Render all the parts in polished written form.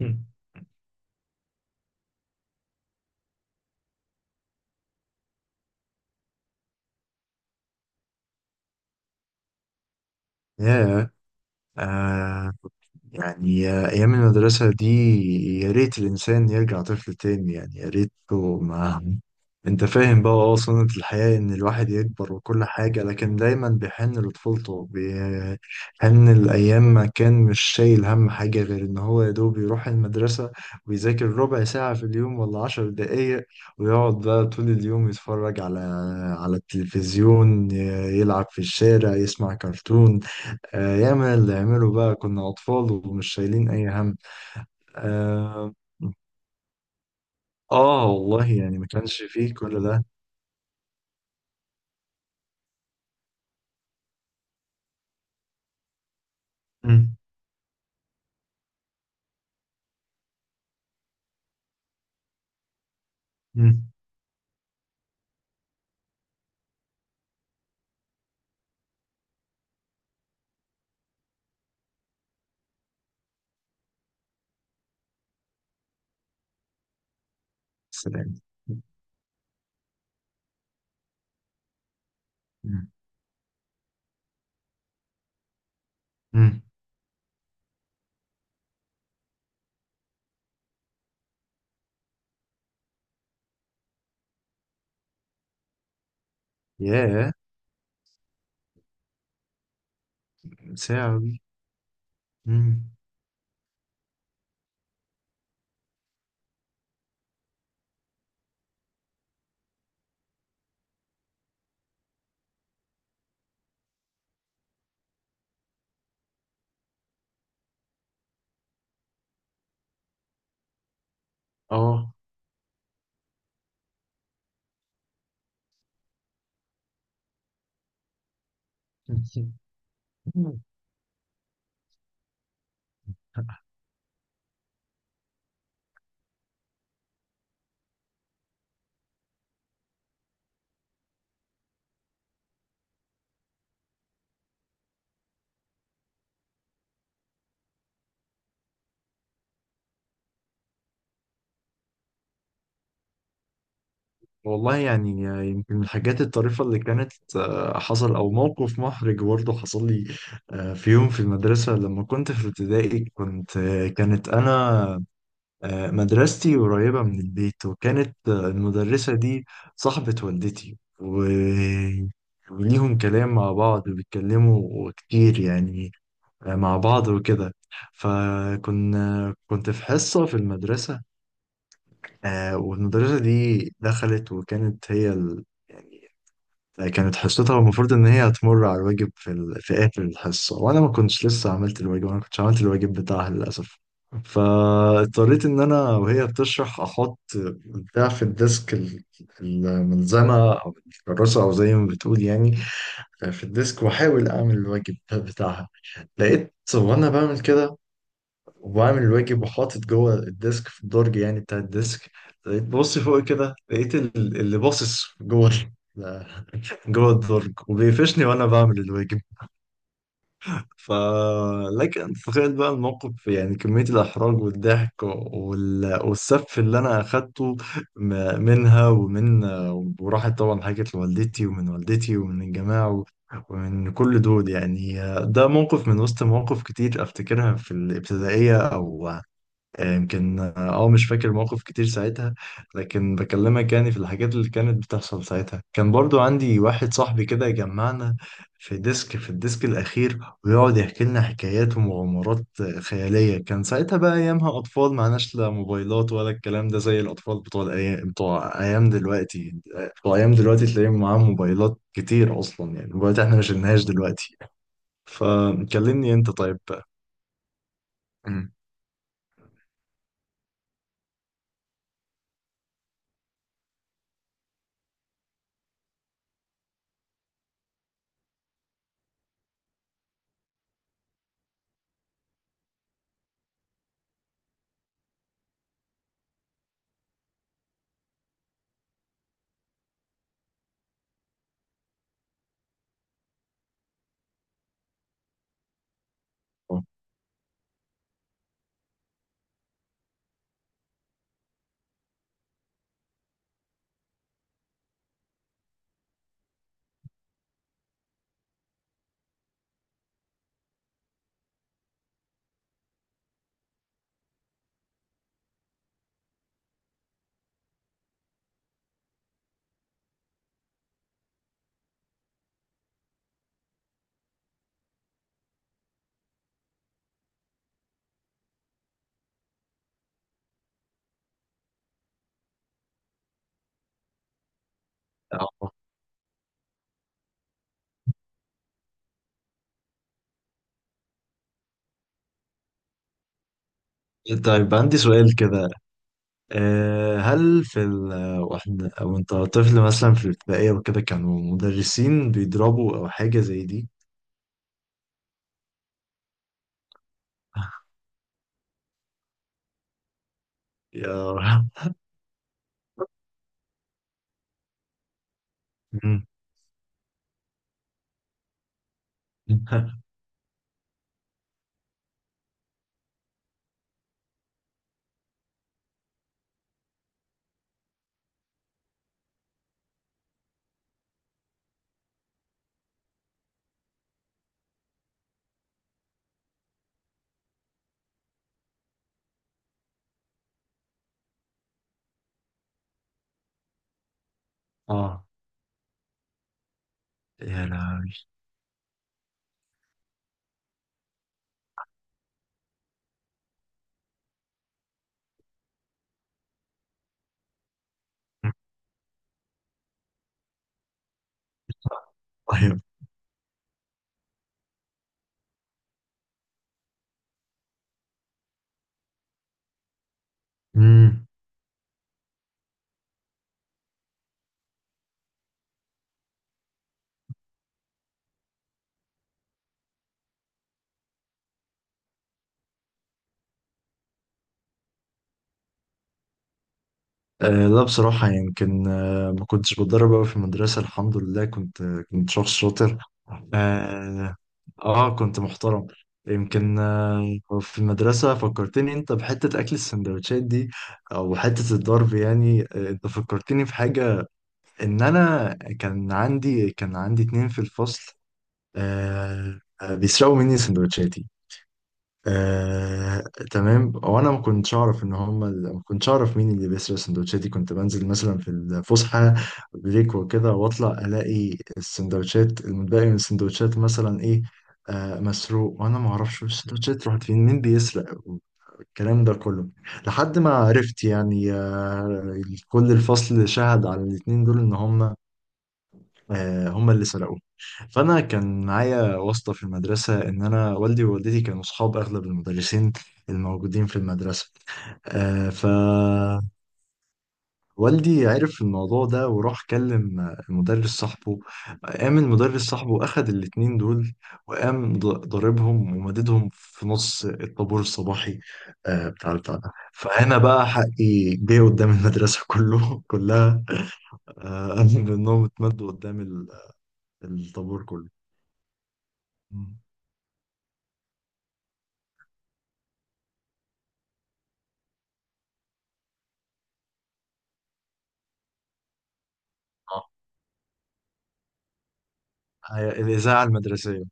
مم. ياه. آه. يعني أيام المدرسة دي. يا ريت الإنسان يرجع طفل تاني، يعني يا ريته ما... أنت فاهم بقى؟ سنة الحياة إن الواحد يكبر وكل حاجة، لكن دايما بيحن لطفولته، بيحن الأيام ما كان مش شايل هم حاجة غير إن هو يا دوب يروح المدرسة، ويذاكر 1/4 ساعة في اليوم ولا 10 دقايق، ويقعد بقى طول اليوم يتفرج على التلفزيون، يلعب في الشارع، يسمع كرتون. آه ياما اللي عمله بقى، كنا أطفال ومش شايلين أي هم. آه, آه والله يعني، ما كانش فيه كل ده. مم. مم. سلام. مم. مم. ياه. ساعة دي؟ مم. آه. مم. والله يعني، يمكن من الحاجات الطريفة اللي كانت حصل، أو موقف محرج برضه حصل لي. في يوم في المدرسة لما كنت في ابتدائي كنت كانت أنا مدرستي قريبة من البيت، وكانت المدرسة دي صاحبة والدتي و... وليهم كلام مع بعض وبيتكلموا كتير، يعني مع بعض وكده. كنت في حصة في المدرسة، والمدرسة دي دخلت، وكانت هي ال... يعني كانت حصتها المفروض ان هي هتمر على الواجب في ال... في اخر الحصه، وانا ما كنتش لسه عملت الواجب، انا ما كنتش عملت الواجب بتاعها للاسف. فاضطريت ان انا وهي بتشرح احط بتاع في الديسك، الملزمه او الكراسه، او زي ما بتقول يعني، في الديسك، واحاول اعمل الواجب بتاعها. لقيت وانا بعمل كده، وبعمل الواجب وحاطط جوه الديسك في الدرج يعني بتاع الديسك، لقيت ببص فوق كده، لقيت اللي باصص جوه جوه الدرج وبيقفشني وانا بعمل الواجب. ف لكن تخيل بقى الموقف، يعني كمية الإحراج والضحك وال... والسف اللي أنا أخدته منها ومن... وراحت طبعا حكت لوالدتي، ومن والدتي ومن الجماعة و... ومن كل دول يعني. ده موقف من وسط مواقف كتير أفتكرها في الابتدائية، أو يمكن مش فاكر موقف كتير ساعتها. لكن بكلمك يعني، في الحاجات اللي كانت بتحصل ساعتها، كان برضو عندي واحد صاحبي كده يجمعنا في الديسك الأخير، ويقعد يحكي لنا حكايات ومغامرات خيالية. كان ساعتها بقى، أيامها أطفال، معناش لا موبايلات ولا الكلام ده، زي الأطفال بتوع الأيام بتوع أيام دلوقتي، بتوع أيام دلوقتي تلاقيهم معاهم موبايلات كتير أصلا، يعني موبايلات إحنا ما شلناهاش دلوقتي. فكلمني أنت طيب بقى. مم. آه. طيب عندي سؤال كده، هل في ال... واحنا وانت طفل مثلا في الابتدائية وكده، كانوا مدرسين بيضربوا او حاجة زي دي؟ يا رب. مم. اه. يا لهوي. طيب. مم. آه لا، بصراحة، يمكن ما كنتش بتدرب أوي في المدرسة، الحمد لله، كنت شخص شاطر. آه, آه كنت محترم. يمكن في المدرسة فكرتني أنت بحتة أكل السندوتشات دي، أو حتة الضرب، يعني أنت فكرتني في حاجة. ان انا كان عندي اتنين في الفصل، بيسرقوا مني سندوتشاتي. آه. تمام، وانا ما كنتش اعرف ان هم، ما كنتش اعرف مين اللي بيسرق سندوتشاتي. كنت بنزل مثلا في الفسحه، بريك وكده، واطلع الاقي السندوتشات، المتبقي من السندوتشات مثلا ايه مسروق، وانا ما اعرفش السندوتشات راحت فين، مين بيسرق الكلام ده كله. لحد ما عرفت يعني كل الفصل شهد على الاتنين دول ان هم، هم اللي سرقوه. فانا كان معايا واسطه في المدرسه، ان انا والدي ووالدتي كانوا اصحاب اغلب المدرسين الموجودين في المدرسه. فوالدي عرف الموضوع ده، وراح كلم المدرس صاحبه، قام المدرس صاحبه أخد الاتنين دول، وقام ضاربهم ومددهم في نص الطابور الصباحي، بتاع البتاع ده. فهنا بقى حقي جه قدام المدرسة كله كلها. آه، منهم اتمدوا قدام الطابور كله. مم. آه. هي الإذاعة المدرسية.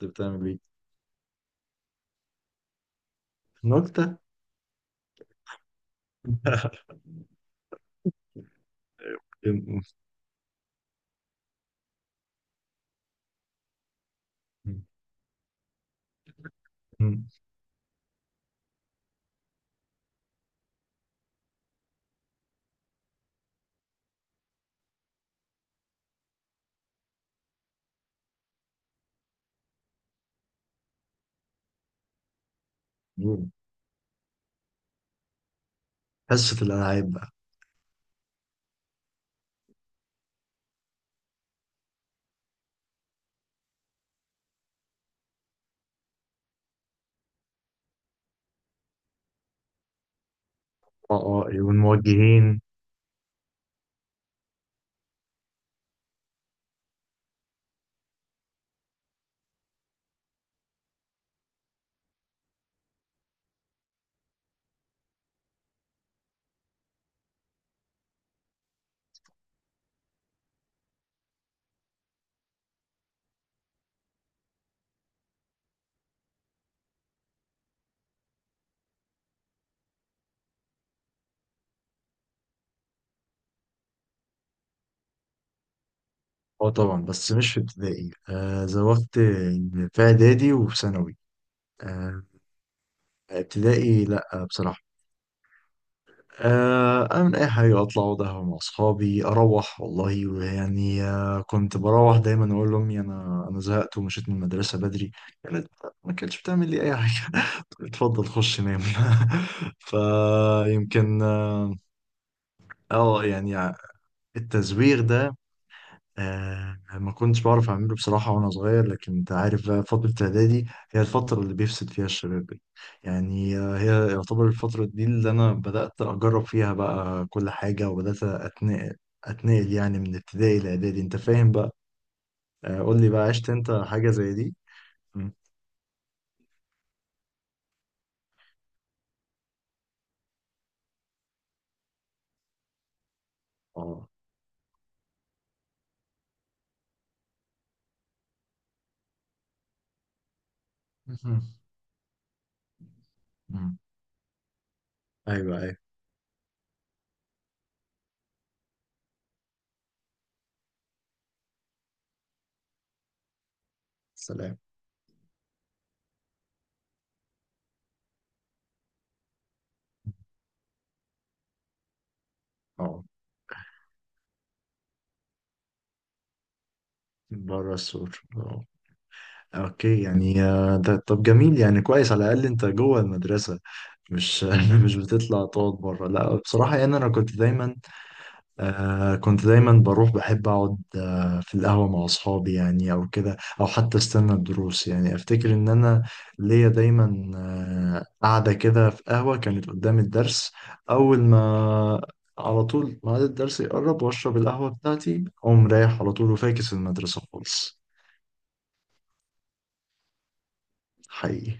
كنت بتعمل إيه؟ نكتة. مم. مم. حصة الألعاب بقى. اه. اه إيه، والموجهين. اه طبعا، بس مش في ابتدائي، زوغت في إعدادي وفي ثانوي. آه. ابتدائي لأ بصراحة، أعمل أي حاجة، أطلع أقعد مع أصحابي، أروح والله، ويعني كنت بروح دايما أقول لأمي، أنا زهقت ومشيت من المدرسة بدري. كانت ما كانتش بتعمل لي أي حاجة. اتفضل خش نام. فيمكن يعني التزويغ ده، ما كنتش بعرف أعمله بصراحة وأنا صغير. لكن أنت عارف بقى، فترة إعدادي هي الفترة اللي بيفسد فيها الشباب دي، يعني هي يعتبر الفترة دي اللي أنا بدأت أجرب فيها بقى كل حاجة، وبدأت أتنقل يعني من ابتدائي لإعدادي، أنت فاهم بقى؟ قول لي بقى، عشت أنت حاجة زي دي؟ مم. أه. مهم. مم. أيوه أيوه. سلام. أه بره السور، أه. اوكي، يعني ده طب جميل يعني، كويس على الاقل انت جوه المدرسه، مش مش بتطلع تقعد بره. لا بصراحه يعني، انا كنت دايما كنت دايما بروح، بحب اقعد في القهوه مع اصحابي، يعني او كده، او حتى استنى الدروس. يعني افتكر ان انا ليا دايما قاعده كده في قهوه كانت قدام الدرس، اول ما على طول ميعاد الدرس يقرب، واشرب القهوه بتاعتي، اقوم رايح على طول، وفاكس المدرسه خالص. حقيقي.